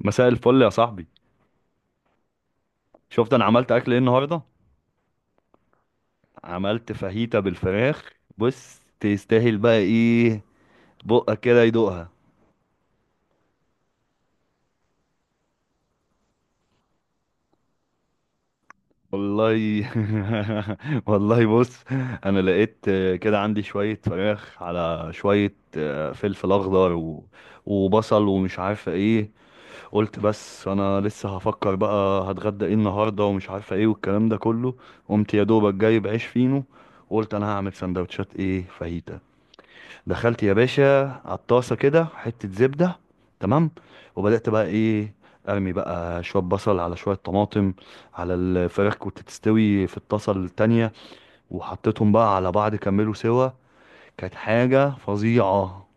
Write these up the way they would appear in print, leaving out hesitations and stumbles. مساء الفل يا صاحبي. شفت انا عملت اكل ايه النهارده؟ عملت فاهيتا بالفراخ. بص تستاهل بقى ايه. بقك كده يدوقها. والله. والله بص، انا لقيت كده عندي شويه فراخ على شويه فلفل اخضر وبصل ومش عارفه ايه. قلت بس انا لسه هفكر بقى هتغدى ايه النهارده ومش عارفه ايه والكلام ده كله. قمت يا دوبك جايب عيش فينو وقلت انا هعمل سندوتشات ايه فاهيتا. دخلت يا باشا على الطاسه كده حته زبده. تمام. وبدات بقى ايه، ارمي بقى شويه بصل على شويه طماطم على الفراخ كنت تستوي في الطاسه التانية، وحطيتهم بقى على بعض كملوا سوا. كانت حاجه فظيعه.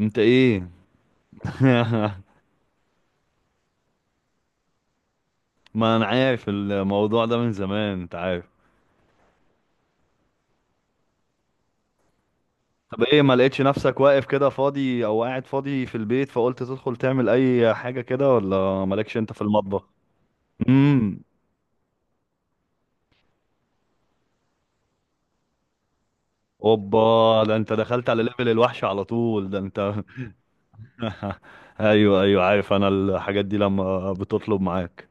انت ايه؟ ما انا عارف الموضوع ده من زمان انت عارف. طب ايه، ما لقيتش نفسك واقف كده فاضي او قاعد فاضي في البيت فقلت تدخل تعمل اي حاجه كده، ولا مالكش انت في المطبخ؟ امم. اوبا، ده انت دخلت على ليفل الوحش على طول ده انت. ايوه ايوه، عارف انا الحاجات دي لما بتطلب معاك.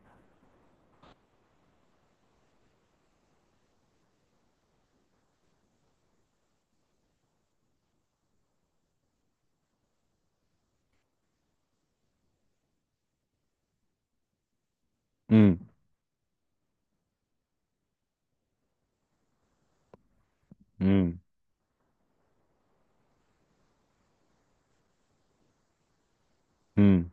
امم امم امم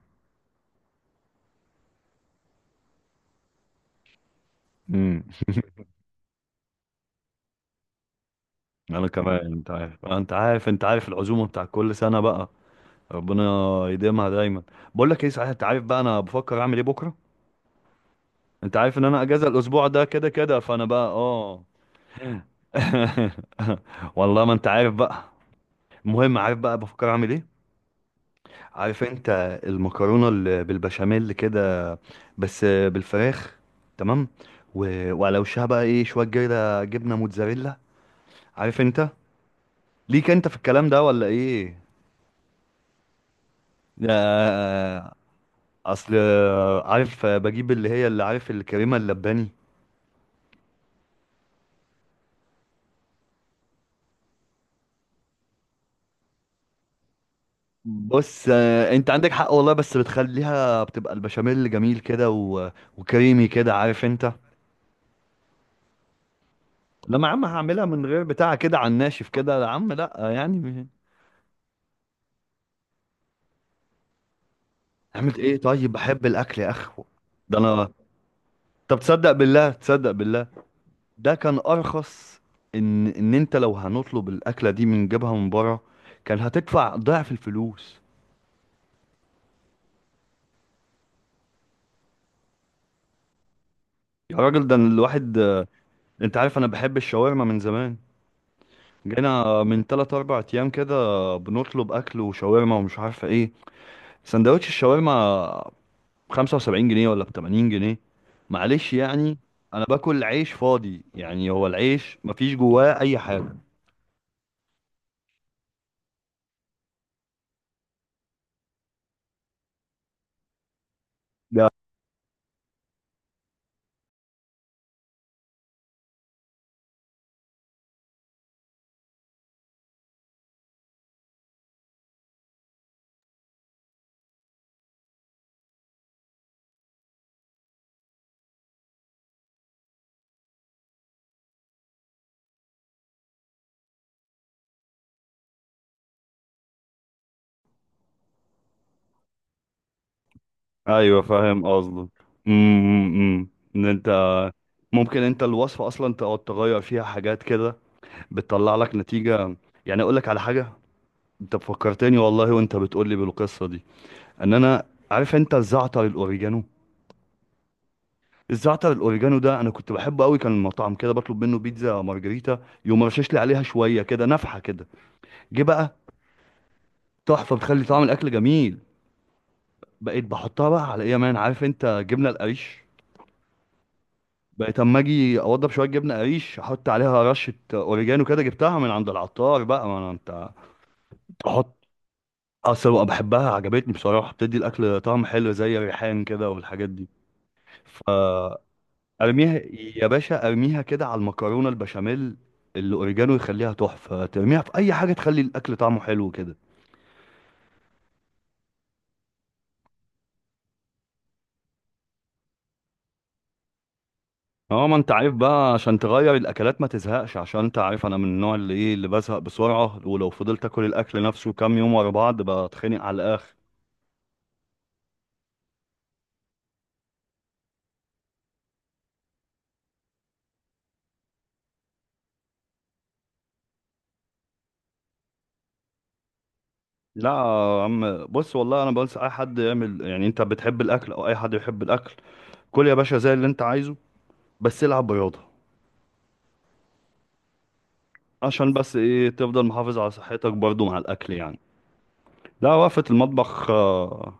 امم انا كمان، انت عارف انت عارف انت عارف العزومه بتاع كل سنه بقى. ربنا يديمها دايما. بقول لك ايه صحيح، انت عارف بقى انا بفكر اعمل ايه بكره؟ انت عارف ان انا اجازه الاسبوع ده كده كده فانا بقى اه. والله ما انت عارف بقى. المهم عارف بقى بفكر اعمل ايه؟ عارف انت المكرونه اللي بالبشاميل كده؟ بس بالفراخ. تمام. وعلى وشها بقى ايه شويه جبنه، جبنه موتزاريلا. عارف انت. ليك انت في الكلام ده ولا ايه؟ آه، اصل عارف بجيب اللي هي اللي عارف الكريمه اللباني. بص انت عندك حق والله، بس بتخليها بتبقى البشاميل جميل كده وكريمي كده عارف انت. لما يا عم هعملها من غير بتاع كده على الناشف كده يا عم لا يعني. عملت ايه طيب بحب الاكل يا اخو ده انا. طب تصدق بالله، تصدق بالله، ده كان ارخص. ان انت لو هنطلب الاكله دي من جبهه من بره، كان هتدفع ضعف الفلوس. يا راجل ده الواحد، انت عارف انا بحب الشاورما من زمان. جينا من 3 4 ايام كده، بنطلب اكل وشاورما ومش عارفه ايه. سندوتش الشاورما 75 جنيه، ولا ب 80 جنيه. معلش يعني. انا باكل عيش فاضي يعني، هو العيش مفيش جواه اي حاجه. ايوه فاهم قصدك. امم. إمم، إمم. انت ممكن انت الوصفه اصلا تقعد تغير فيها حاجات كده بتطلع لك نتيجه. يعني اقول لك على حاجه. انت فكرتني والله، وانت بتقول لي بالقصه دي، ان انا عارف انت الزعتر الاوريجانو. الزعتر الاوريجانو ده انا كنت بحبه قوي، كان المطعم كده بطلب منه بيتزا مارجريتا يقوم رشش لي عليها شويه كده نفحه كده. جه بقى تحفه، بتخلي طعم الاكل جميل. بقيت بحطها بقى على ايه يا مان، عارف انت جبنه القريش، بقيت اما اجي اوضب شويه جبنه قريش احط عليها رشه اوريجانو كده جبتها من عند العطار بقى، ما انا انت. احط. اصل بقى بحبها، عجبتني بصراحه، بتدي الاكل طعم حلو زي الريحان كده والحاجات دي. فارميها يا باشا، ارميها كده على المكرونه البشاميل. الاوريجانو يخليها تحفه، ترميها في اي حاجه تخلي الاكل طعمه حلو كده. اه ما انت عارف بقى عشان تغير الاكلات ما تزهقش، عشان انت عارف انا من النوع اللي ايه اللي بزهق بسرعه، ولو فضلت اكل الاكل نفسه كام يوم ورا بعض بتخنق على الاخر. لا يا عم، بص والله انا بنصح اي حد يعمل، يعني انت بتحب الاكل او اي حد يحب الاكل، كل يا باشا زي اللي انت عايزه، بس العب رياضه، عشان بس ايه تفضل محافظ على صحتك برضو مع الاكل يعني. لا، وقفه المطبخ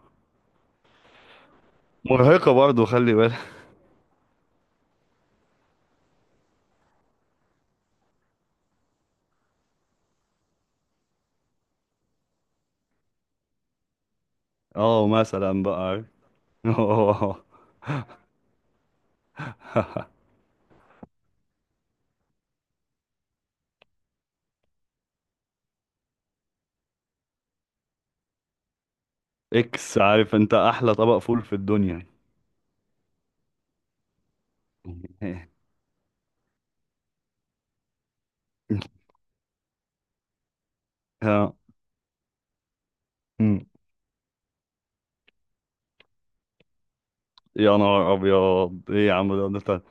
مرهقه برضو خلي بالك. اه، مثلا بقى عارف. اه اكس، عارف انت احلى طبق فول في الدنيا. آه، مم. يا نهار ابيض ايه يا عم ده.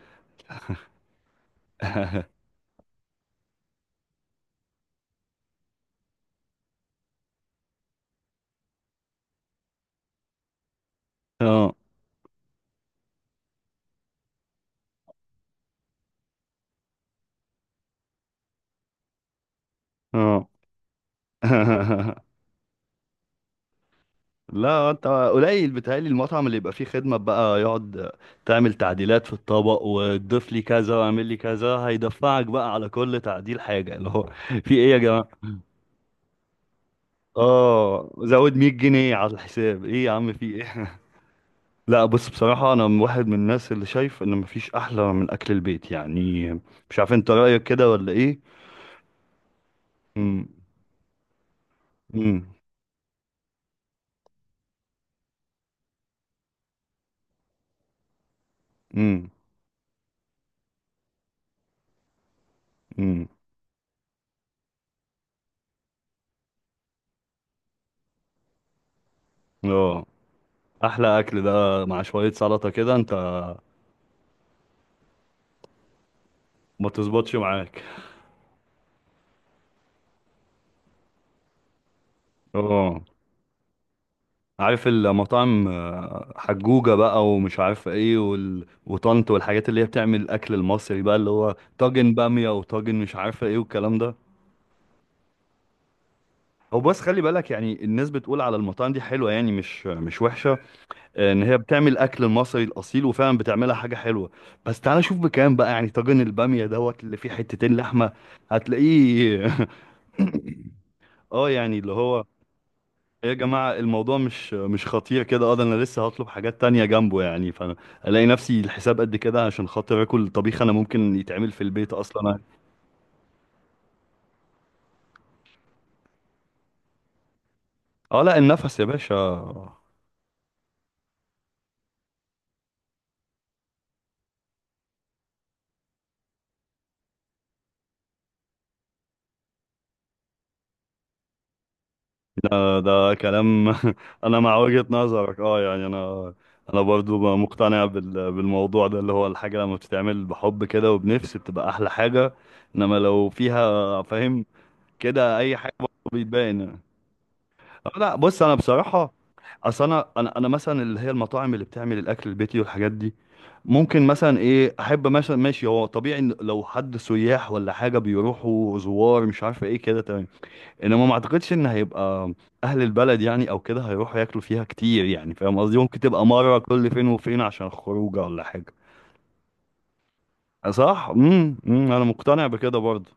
اه اه. لا انت قليل، بيتهيألي المطعم اللي يبقى فيه خدمة بقى يقعد تعمل تعديلات في الطبق وتضيف لي كذا واعمل لي كذا، هيدفعك بقى على كل تعديل حاجة اللي هو. في ايه يا جماعة؟ اه زود 100 جنيه على الحساب، ايه يا عم في ايه. لا بص بصراحة، انا من واحد من الناس اللي شايف ان مفيش احلى من اكل البيت يعني. مش عارف انت رأيك كده ولا ايه؟ امم امم امم امم اه احلى اكل ده مع شوية سلطة كده انت. ما تظبطش معاك. اه، عارف المطاعم حجوجة بقى ومش عارف ايه، وطنط والحاجات اللي هي بتعمل الاكل المصري بقى، اللي هو طاجن بامية وطاجن مش عارفة ايه والكلام ده. هو بس خلي بالك يعني، الناس بتقول على المطاعم دي حلوة يعني مش وحشة. ان هي بتعمل الاكل المصري الاصيل، وفعلا بتعملها حاجة حلوة. بس تعالى شوف بكام بقى، يعني طاجن البامية دوت اللي فيه حتتين لحمة، هتلاقيه. اه يعني اللي هو، إيه يا جماعة، الموضوع مش خطير كده. اه ده انا لسه هطلب حاجات تانية جنبه يعني، فانا الاقي نفسي الحساب قد كده، عشان خاطر اكل طبيخ انا ممكن يتعمل في البيت اصلا. اه لا النفس يا باشا. ده كلام. انا مع وجهة نظرك اه يعني انا. انا برضو بقى مقتنع بالموضوع ده، اللي هو الحاجة لما بتتعمل بحب كده وبنفس بتبقى احلى حاجة. انما لو فيها فاهم كده، اي حاجة برضو بيتبان. لا بص انا بصراحه، اصل انا انا مثلا اللي هي المطاعم اللي بتعمل الاكل البيتي والحاجات دي، ممكن مثلا ايه احب، مثلا ماشي، هو طبيعي إن لو حد سياح ولا حاجه بيروحوا زوار مش عارفه ايه كده تمام، انما ما اعتقدش ان هيبقى اهل البلد يعني او كده هيروحوا ياكلوا فيها كتير، يعني فاهم قصدي، ممكن تبقى مره كل فين وفين عشان خروجه ولا حاجه. صح. امم. انا مقتنع بكده برضه.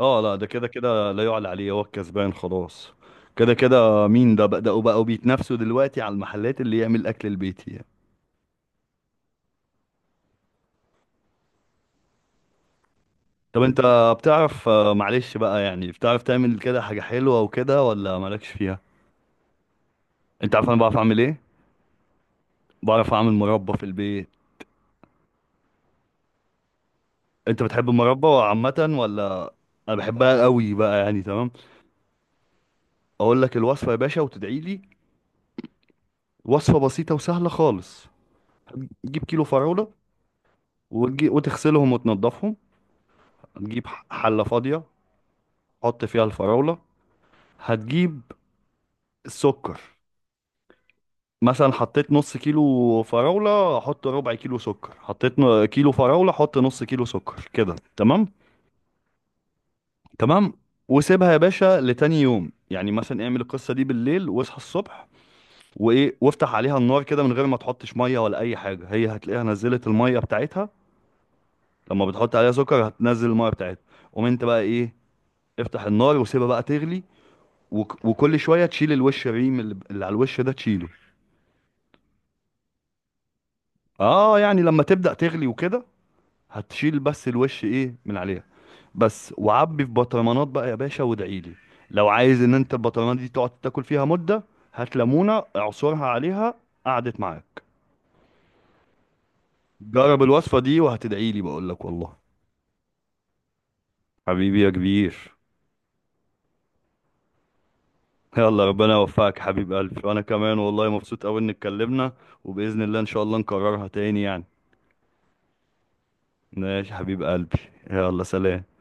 اه لا ده كده كده لا يعلى عليه، هو الكسبان خلاص. كده كده مين، ده بدأوا بقوا بيتنافسوا دلوقتي على المحلات اللي يعمل الأكل البيتي يعني. طب انت بتعرف معلش بقى يعني، بتعرف تعمل كده حاجة حلوة وكده، ولا مالكش فيها؟ انت عارف انا بعرف اعمل ايه؟ بعرف اعمل مربى في البيت. انت بتحب المربى عامة ولا؟ انا بحبها قوي بقى يعني تمام. اقول لك الوصفة يا باشا وتدعي لي. وصفة بسيطة وسهلة خالص. تجيب كيلو فراولة، وتغسلهم وتنضفهم. تجيب حلة فاضية، حط فيها الفراولة، هتجيب السكر. مثلا حطيت نص كيلو فراولة حط ربع كيلو سكر، حطيت كيلو فراولة حط نص كيلو سكر كده تمام. تمام. وسيبها يا باشا لتاني يوم، يعني مثلا اعمل القصة دي بالليل واصحى الصبح، وايه، وافتح عليها النار كده من غير ما تحطش مية ولا اي حاجة، هي هتلاقيها نزلت المية بتاعتها، لما بتحط عليها سكر هتنزل المية بتاعتها. قوم انت بقى ايه، افتح النار وسيبها بقى تغلي، وكل شوية تشيل الوش، الريم اللي على الوش ده تشيله. اه يعني لما تبدأ تغلي وكده، هتشيل بس الوش ايه من عليها. بس وعبي في بطرمانات بقى يا باشا وادعيلي. لو عايز ان انت البطرمانات دي تقعد تاكل فيها مدة هات ليمونة اعصرها عليها، قعدت معاك. جرب الوصفة دي وهتدعيلي بقولك والله. حبيبي يا كبير. يلا ربنا يوفقك حبيب قلبي، وانا كمان والله مبسوط قوي ان اتكلمنا، وبإذن الله ان شاء الله نكررها تاني يعني. ماشي حبيب قلبي. يلا سلام.